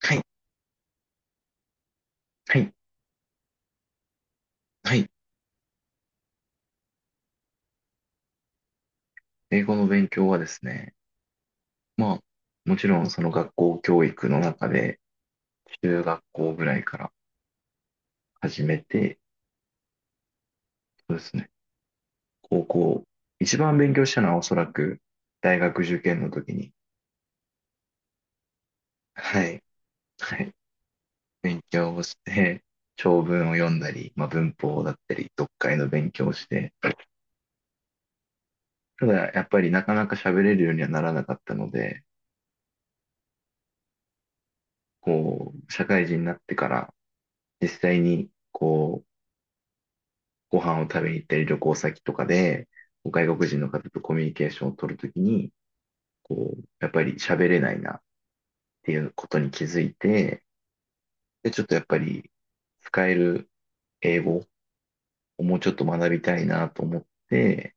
はい、はい、はい。英語の勉強はですね、まあ、もちろんその学校教育の中で、中学校ぐらいから始めて、そうですね、高校、一番勉強したのはおそらく大学受験の時に、はい、はい、勉強をして、長文を読んだり、まあ、文法だったり、読解の勉強をして、ただやっぱりなかなか喋れるようにはならなかったので、こう、社会人になってから、実際に、こう、ご飯を食べに行ったり旅行先とかで、外国人の方とコミュニケーションを取るときに、こう、やっぱり喋れないなっていうことに気づいて、で、ちょっとやっぱり使える英語をもうちょっと学びたいなと思って、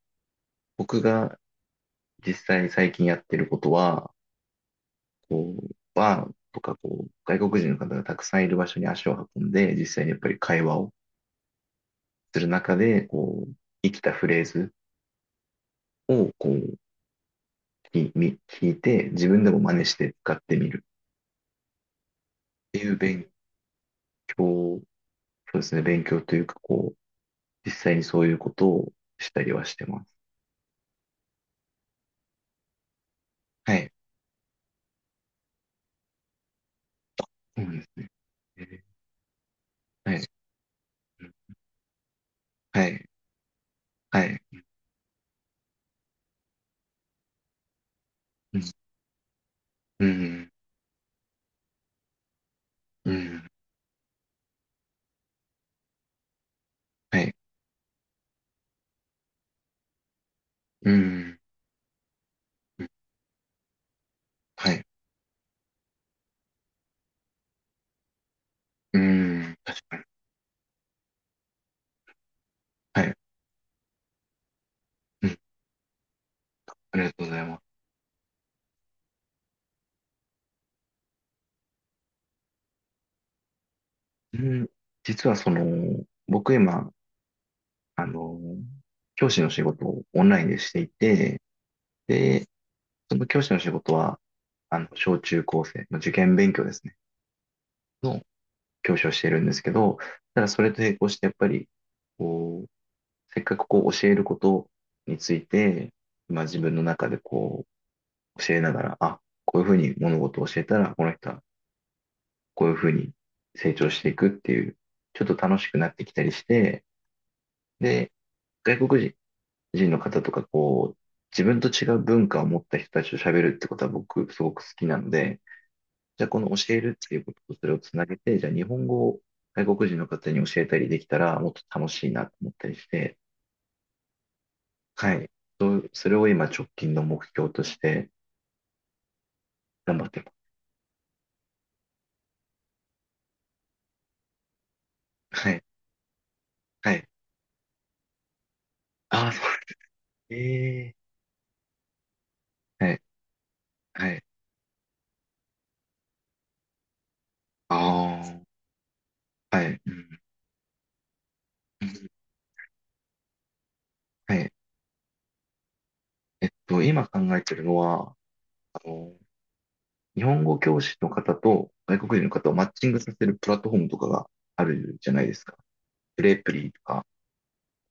僕が実際最近やってることは、こう、バーとかこう、外国人の方がたくさんいる場所に足を運んで、実際にやっぱり会話をする中で、こう、生きたフレーズをこう、聞いて、自分でも真似して使ってみるっていう勉強、そうですね、勉強というか、こう、実際にそういうことをしたりはしてます。はい。そうですね。はい。うん、はい。はい。うん。うん。うん。はい。うん。うん、はい。うん。確かに。はい。うん。ありがとうございます。うん。実はその、僕今、あの、教師の仕事をオンラインでしていて、で、その教師の仕事は、小中高生、まあ、受験勉強ですね、の教師をしているんですけど、ただそれと並行してやっぱり、こう、せっかくこう教えることについて、まあ自分の中でこう教えながら、あ、こういうふうに物事を教えたら、この人はこういうふうに成長していくっていう、ちょっと楽しくなってきたりして、で、外国人の方とか、こう、自分と違う文化を持った人たちと喋るってことは僕すごく好きなので、じゃあこの教えるっていうこととそれをつなげて、じゃあ日本語を外国人の方に教えたりできたらもっと楽しいなと思ったりして、はい。そうそれを今直近の目標として頑張ってます。はい。はい。ああ、そう。ええ、はい。はい。ああ、はい。うん。はい。今考えてるのは、あの、日本語教師の方と外国人の方をマッチングさせるプラットフォームとかがあるじゃないですか。プレイプリとか。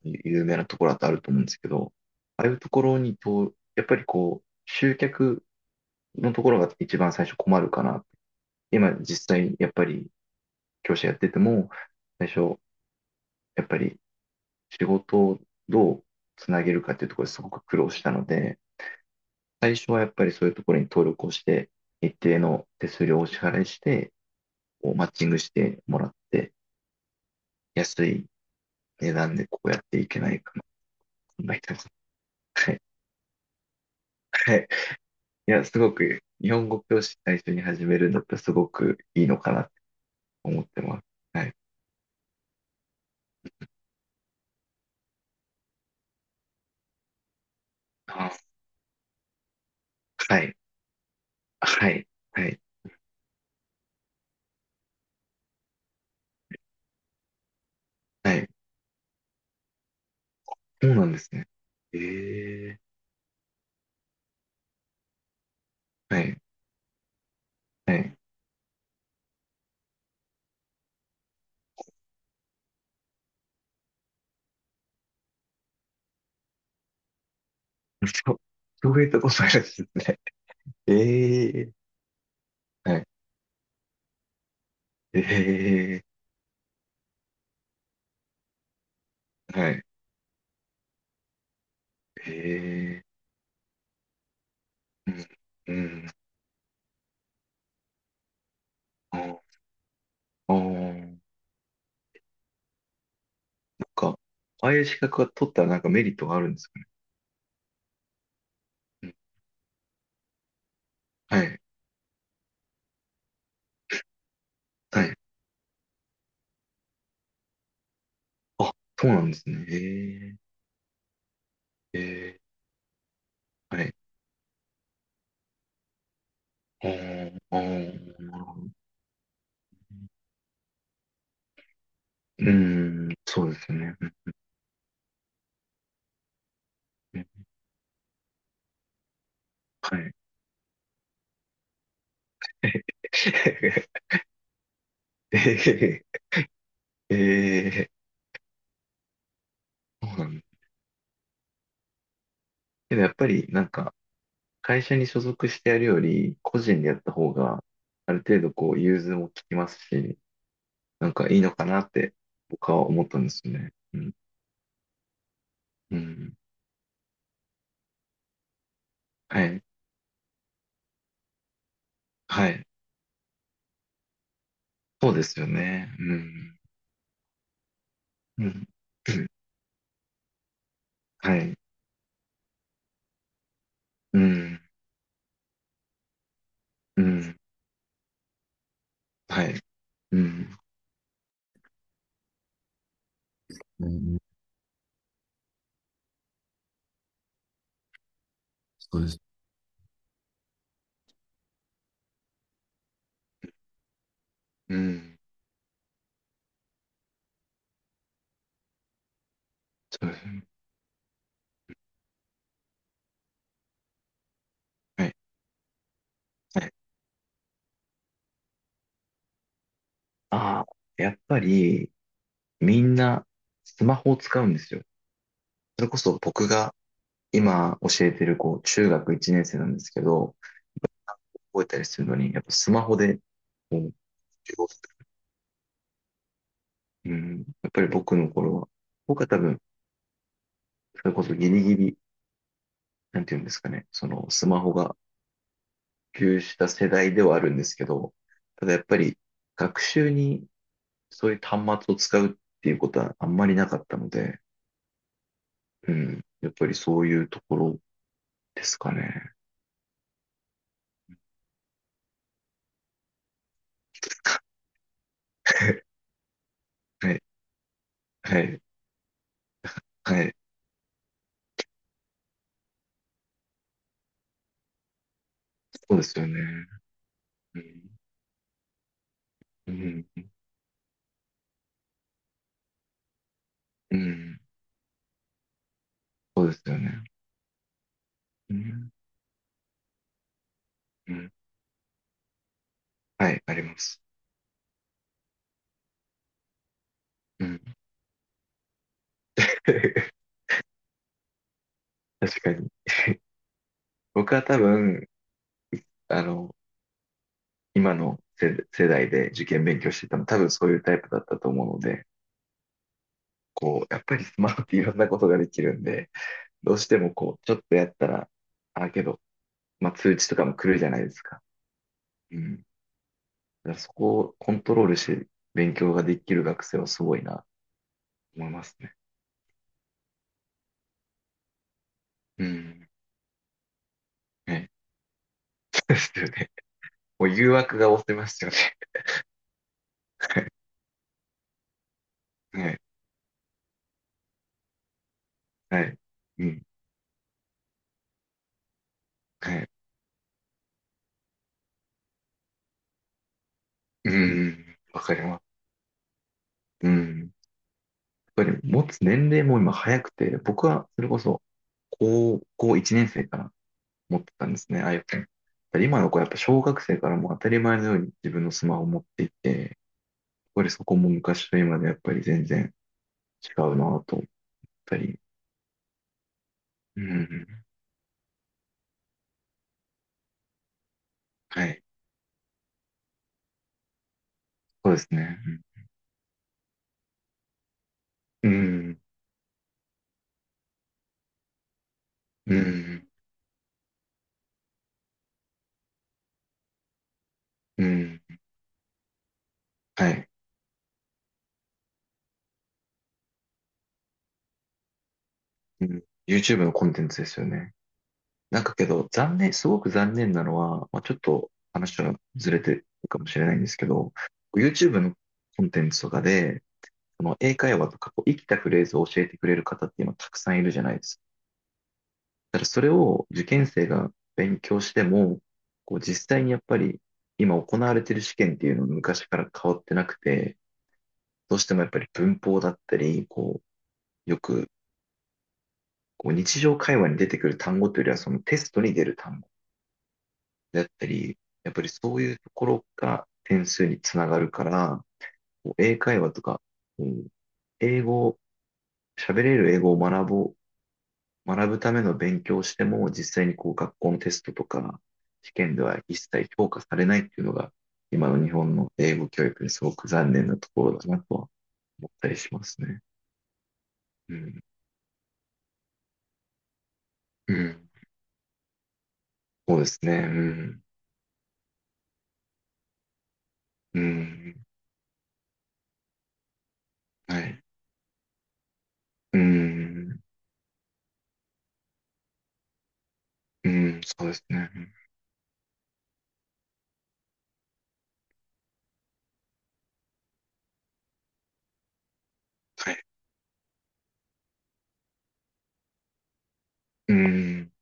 有名なところだとあると思うんですけど、ああいうところにと、やっぱりこう、集客のところが一番最初困るかな。今実際やっぱり教師やってても、最初やっぱり仕事をどうつなげるかっていうところですごく苦労したので、最初はやっぱりそういうところに登録をして、一定の手数料をお支払いして、こうマッチングしてもらって、安い値段でこうやっていけないかな、考えてます。はい。はい、いや、すごく、日本語教師最初に始めるんだったらすごくいいのかなって思ってます。はい。あ、はい。はい。はい。はい。そうなんですね。ええ、はい。はい。そう、そういったことないですね。ええ、はい。ええ、はい。ええ、うん。うん。あー、あー、なんか、ああいう資格が取ったらなんかメリットがあるんですかね。うん、はい。はい。あ、そうなんですね。ええ、ええ、はい。あー、あー、なるほどね。うん、そうですね。うん、うん、はい。え、ええー、そうなんだ。けどやっぱりなんか会社に所属してやるより個人でやった方がある程度こう融通も利きますし、なんかいいのかなって僕は思ったんですよね。うん。うん。はい。はい。そうですよね。うん。うん。うんはい。うん。うん、はい。うん。うん、そうです。うん。そうですね。はい。はい。ああ、やっぱり、みんな、スマホを使うんですよ。それこそ僕が今教えてる、こう、中学1年生なんですけど、覚えたりするのに、やっぱスマホで、こう、授業する。うん。やっぱり僕の頃は、僕は多分、それこそギリギリ、なんていうんですかね、その、スマホが普及した世代ではあるんですけど、ただやっぱり、学習にそういう端末を使うっていうことはあんまりなかったので、うん。やっぱりそういうところですかね。はい、はい、はい、そうですよね。うん、うん、うん、そうですよね。うん、うん、はい、あります。うん、確かに。僕は多分、あの、今の世代で受験勉強してたの、多分そういうタイプだったと思うので、こう、やっぱりスマホっていろんなことができるんで、どうしてもこう、ちょっとやったら、あ、けど、まあ、通知とかも来るじゃないですか。うん、だからそこをコントロールして勉強ができる学生はすごいな、と思いますね。うん。はい。そうですよね。もう誘惑が多すせますよね。はい。はい。うん。はい。うん。わかります。うん。やっぱり持つ年齢も今早くて、僕はそれこそ高校1年生から持ってたんですね、iPhone。やっぱり今の子はやっぱ小学生からもう当たり前のように自分のスマホを持っていて、やっぱりそこも昔と今でやっぱり全然違うなぁと思ったり。うん。はい。そうですね。うん。うん。うん。うん、はい。うん。YouTube のコンテンツですよね。なんかけど、残念、すごく残念なのは、まあ、ちょっと話はずれてるかもしれないんですけど、YouTube のコンテンツとかで、その英会話とかこう生きたフレーズを教えてくれる方って今たくさんいるじゃないですか。ただそれを受験生が勉強しても、こう実際にやっぱり今行われている試験っていうのは昔から変わってなくて、どうしてもやっぱり文法だったり、こよくこう日常会話に出てくる単語というよりは、そのテストに出る単語であったり、やっぱりそういうところが点数につながるから、こう英会話とか、こう英語、喋れる英語を学ぼう、学ぶための勉強をしても、実際にこう学校のテストとか、試験では一切評価されないっていうのが、今の日本の英語教育にすごく残念なところだなとは思ったりしますね。うん。うん。そうですね。うん。うん。はい。うーん、うーん、そうですね。はい。うーん、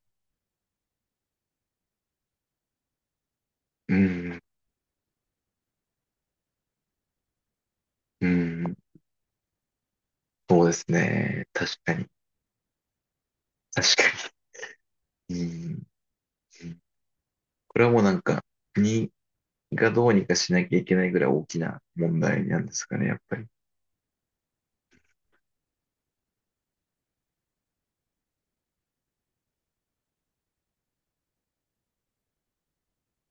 うーん、うーん、そうですね。確かに。うーん、うん、これはもうなんか、国がどうにかしなきゃいけないぐらい大きな問題なんですかね、やっぱり。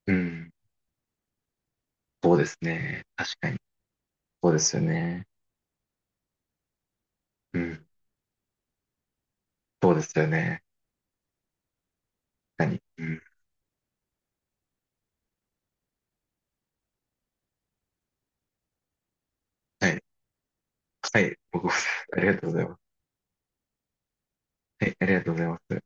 うん、そうですね。確かに。そうですよね。うん、そうですよね。何うん、はい。はい、僕も ありがとうございます。はい、ありがとうございます。